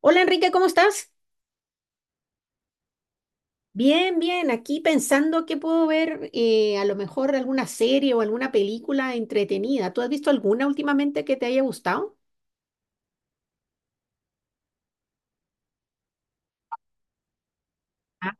Hola Enrique, ¿cómo estás? Bien, bien, aquí pensando que puedo ver a lo mejor alguna serie o alguna película entretenida. ¿Tú has visto alguna últimamente que te haya gustado? Ah,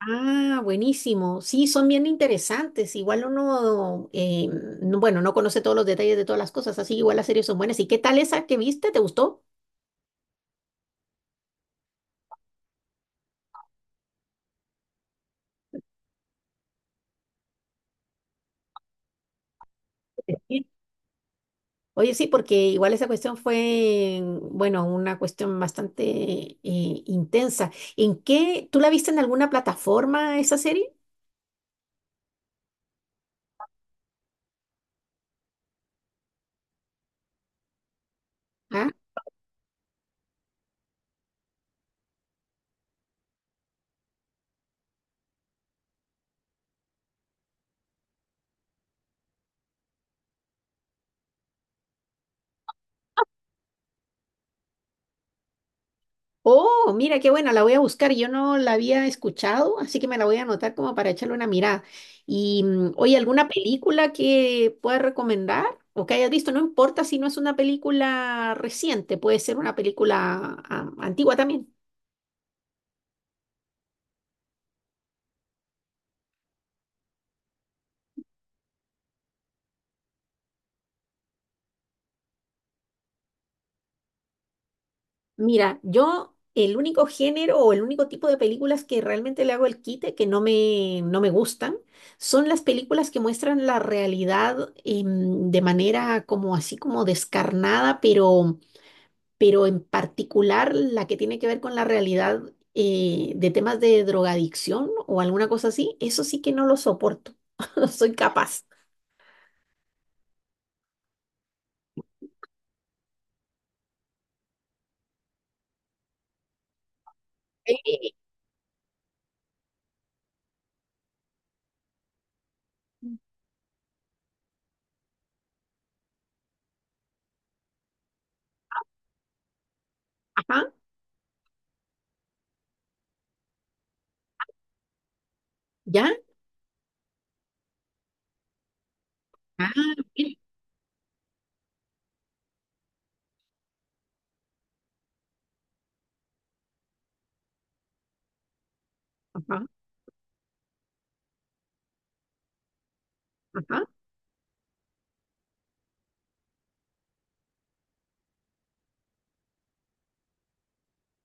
ah, buenísimo. Sí, son bien interesantes. Igual uno, bueno, no conoce todos los detalles de todas las cosas, así igual las series son buenas. ¿Y qué tal esa que viste? ¿Te gustó? Sí. Oye, sí, porque igual esa cuestión fue, bueno, una cuestión bastante intensa. ¿En qué? ¿Tú la viste en alguna plataforma esa serie? Ah, oh, mira, qué buena, la voy a buscar. Yo no la había escuchado, así que me la voy a anotar como para echarle una mirada. Y oye, ¿alguna película que puedas recomendar o que hayas visto? No importa si no es una película reciente, puede ser una película ah, antigua también. Mira, yo el único género o el único tipo de películas que realmente le hago el quite, que no me, no me gustan, son las películas que muestran la realidad de manera como así como descarnada, pero en particular la que tiene que ver con la realidad de temas de drogadicción o alguna cosa así, eso sí que no lo soporto, no soy capaz. Eh, Ajá, ¿ya? Ah, mira, ajá, ajá.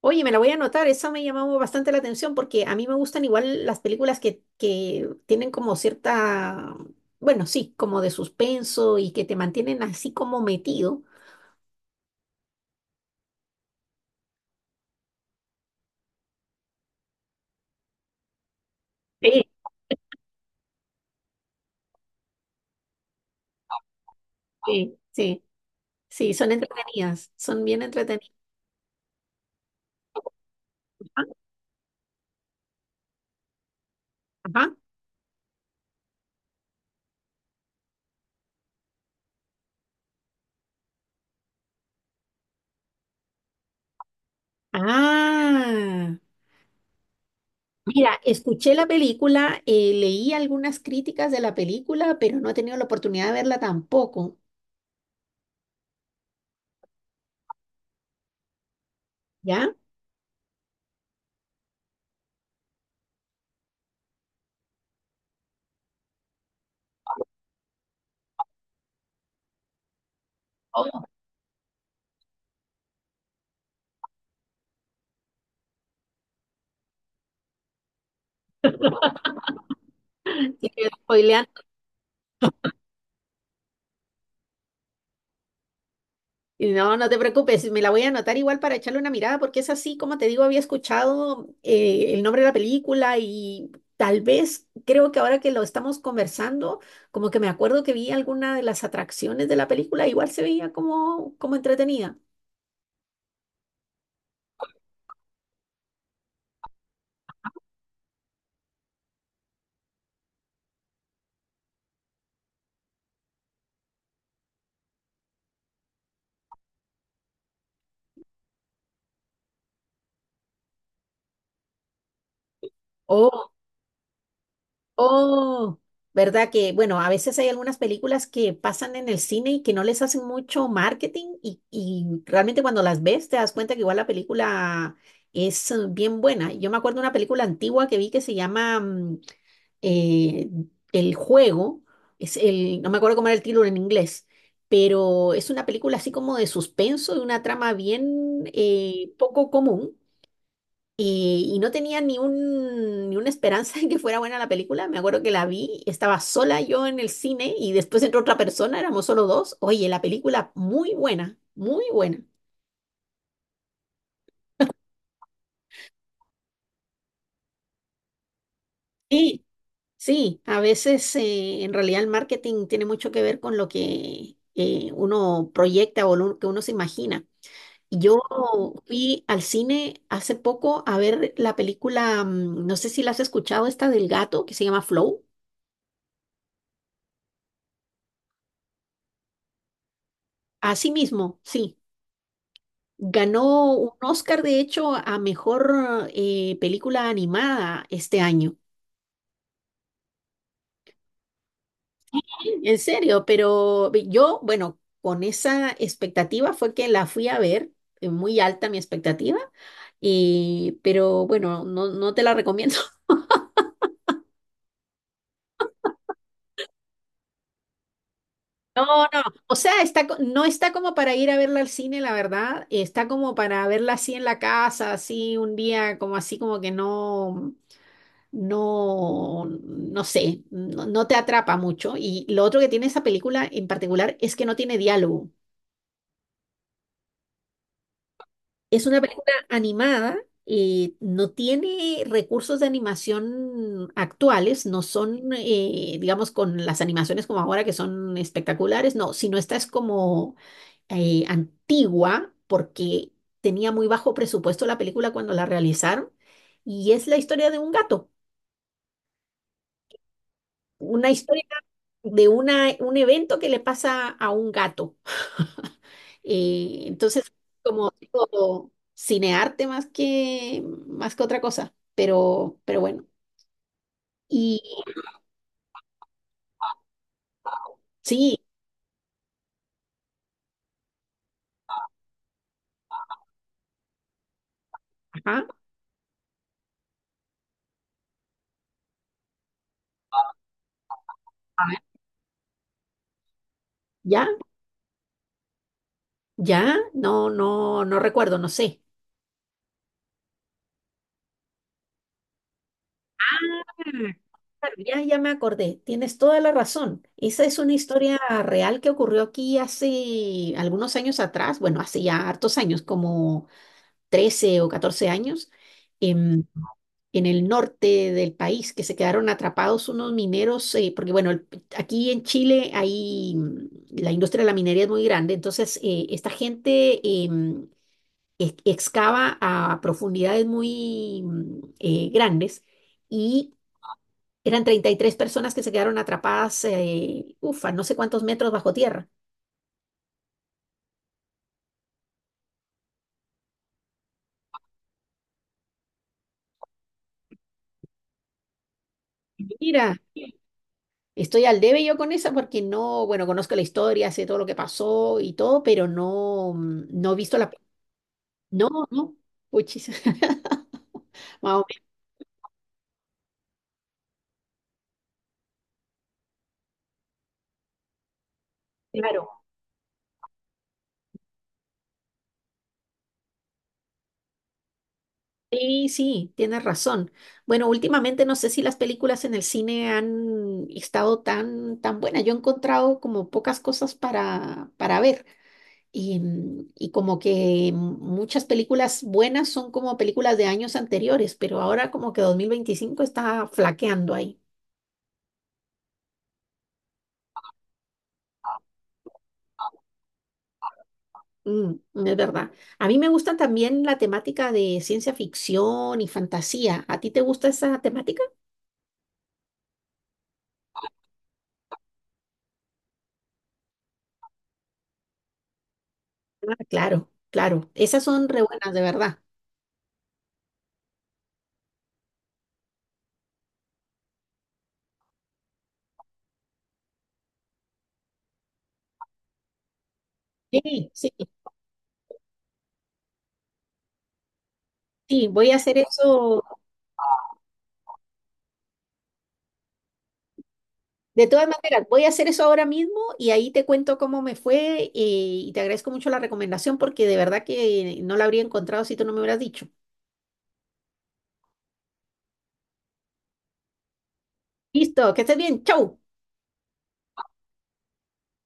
Oye, me la voy a anotar, esa me llamó bastante la atención porque a mí me gustan igual las películas que tienen como cierta, bueno, sí, como de suspenso y que te mantienen así como metido. Sí, sí, sí, sí, son entretenidas, son bien entretenidas. Ajá, ah, mira, escuché la película, leí algunas críticas de la película, pero no he tenido la oportunidad de verla tampoco, ¿ya? Así que, spoileando. Y no, no te preocupes, me la voy a anotar igual para echarle una mirada, porque es así, como te digo, había escuchado el nombre de la película y tal vez creo que ahora que lo estamos conversando, como que me acuerdo que vi alguna de las atracciones de la película, igual se veía como, como entretenida. Oh, ¿verdad que, bueno, a veces hay algunas películas que pasan en el cine y que no les hacen mucho marketing y realmente cuando las ves te das cuenta que igual la película es bien buena. Yo me acuerdo de una película antigua que vi que se llama eh, El Juego, es el, no me acuerdo cómo era el título en inglés, pero es una película así como de suspenso, de una trama bien poco común y no tenía ni un, ni una esperanza de que fuera buena la película. Me acuerdo que la vi, estaba sola yo en el cine y después entró otra persona, éramos solo dos. Oye, la película muy buena, muy buena. Sí, sí, a veces en realidad el marketing tiene mucho que ver con lo que uno proyecta o lo que uno se imagina. Yo fui al cine hace poco a ver la película, no sé si la has escuchado, esta del gato que se llama Flow. Así mismo, sí. Ganó un Oscar, de hecho, a mejor película animada este año. En serio, pero yo, bueno, con esa expectativa fue que la fui a ver, muy alta mi expectativa, y, pero bueno, no, no te la recomiendo. No, no, o sea, está, no está como para ir a verla al cine, la verdad, está como para verla así en la casa, así un día, como así como que no. No, no sé, no, no te atrapa mucho. Y lo otro que tiene esa película en particular es que no tiene diálogo. Es una película animada y no tiene recursos de animación actuales, no son, digamos, con las animaciones como ahora que son espectaculares, no, sino esta es como antigua porque tenía muy bajo presupuesto la película cuando la realizaron y es la historia de un gato. Una historia de una, un evento que le pasa a un gato. Eh, entonces, como tipo cinearte más que otra cosa, pero bueno. Y sí, ajá, a ver, ya, ya, no, no, no recuerdo, no sé. Ah, claro, ya, ya me acordé, tienes toda la razón. Esa es una historia real que ocurrió aquí hace algunos años atrás, bueno, hace ya hartos años, como 13 o 14 años, em, en el norte del país, que se quedaron atrapados unos mineros, porque bueno, aquí en Chile hay, la industria de la minería es muy grande, entonces esta gente excava a profundidades muy grandes y eran 33 personas que se quedaron atrapadas, ufa, no sé cuántos metros bajo tierra. Mira, estoy al debe yo con esa porque no, bueno, conozco la historia, sé todo lo que pasó y todo, pero no, no he visto la... pe- No, no, puchis. Más o menos, claro. Sí, sí, tienes razón. Bueno, últimamente no sé si las películas en el cine han estado tan, tan buenas. Yo he encontrado como pocas cosas para ver. Y, y como que muchas películas buenas son como películas de años anteriores, pero ahora como que 2025 está flaqueando ahí. Mm, es verdad. A mí me gusta también la temática de ciencia ficción y fantasía. ¿A ti te gusta esa temática? Ah, claro, claro. Esas son re buenas, de verdad. Sí, sí, sí, voy a hacer eso. De todas maneras, voy a hacer eso ahora mismo y ahí te cuento cómo me fue y te agradezco mucho la recomendación porque de verdad que no la habría encontrado si tú no me hubieras dicho. Listo, que estés bien. Chau.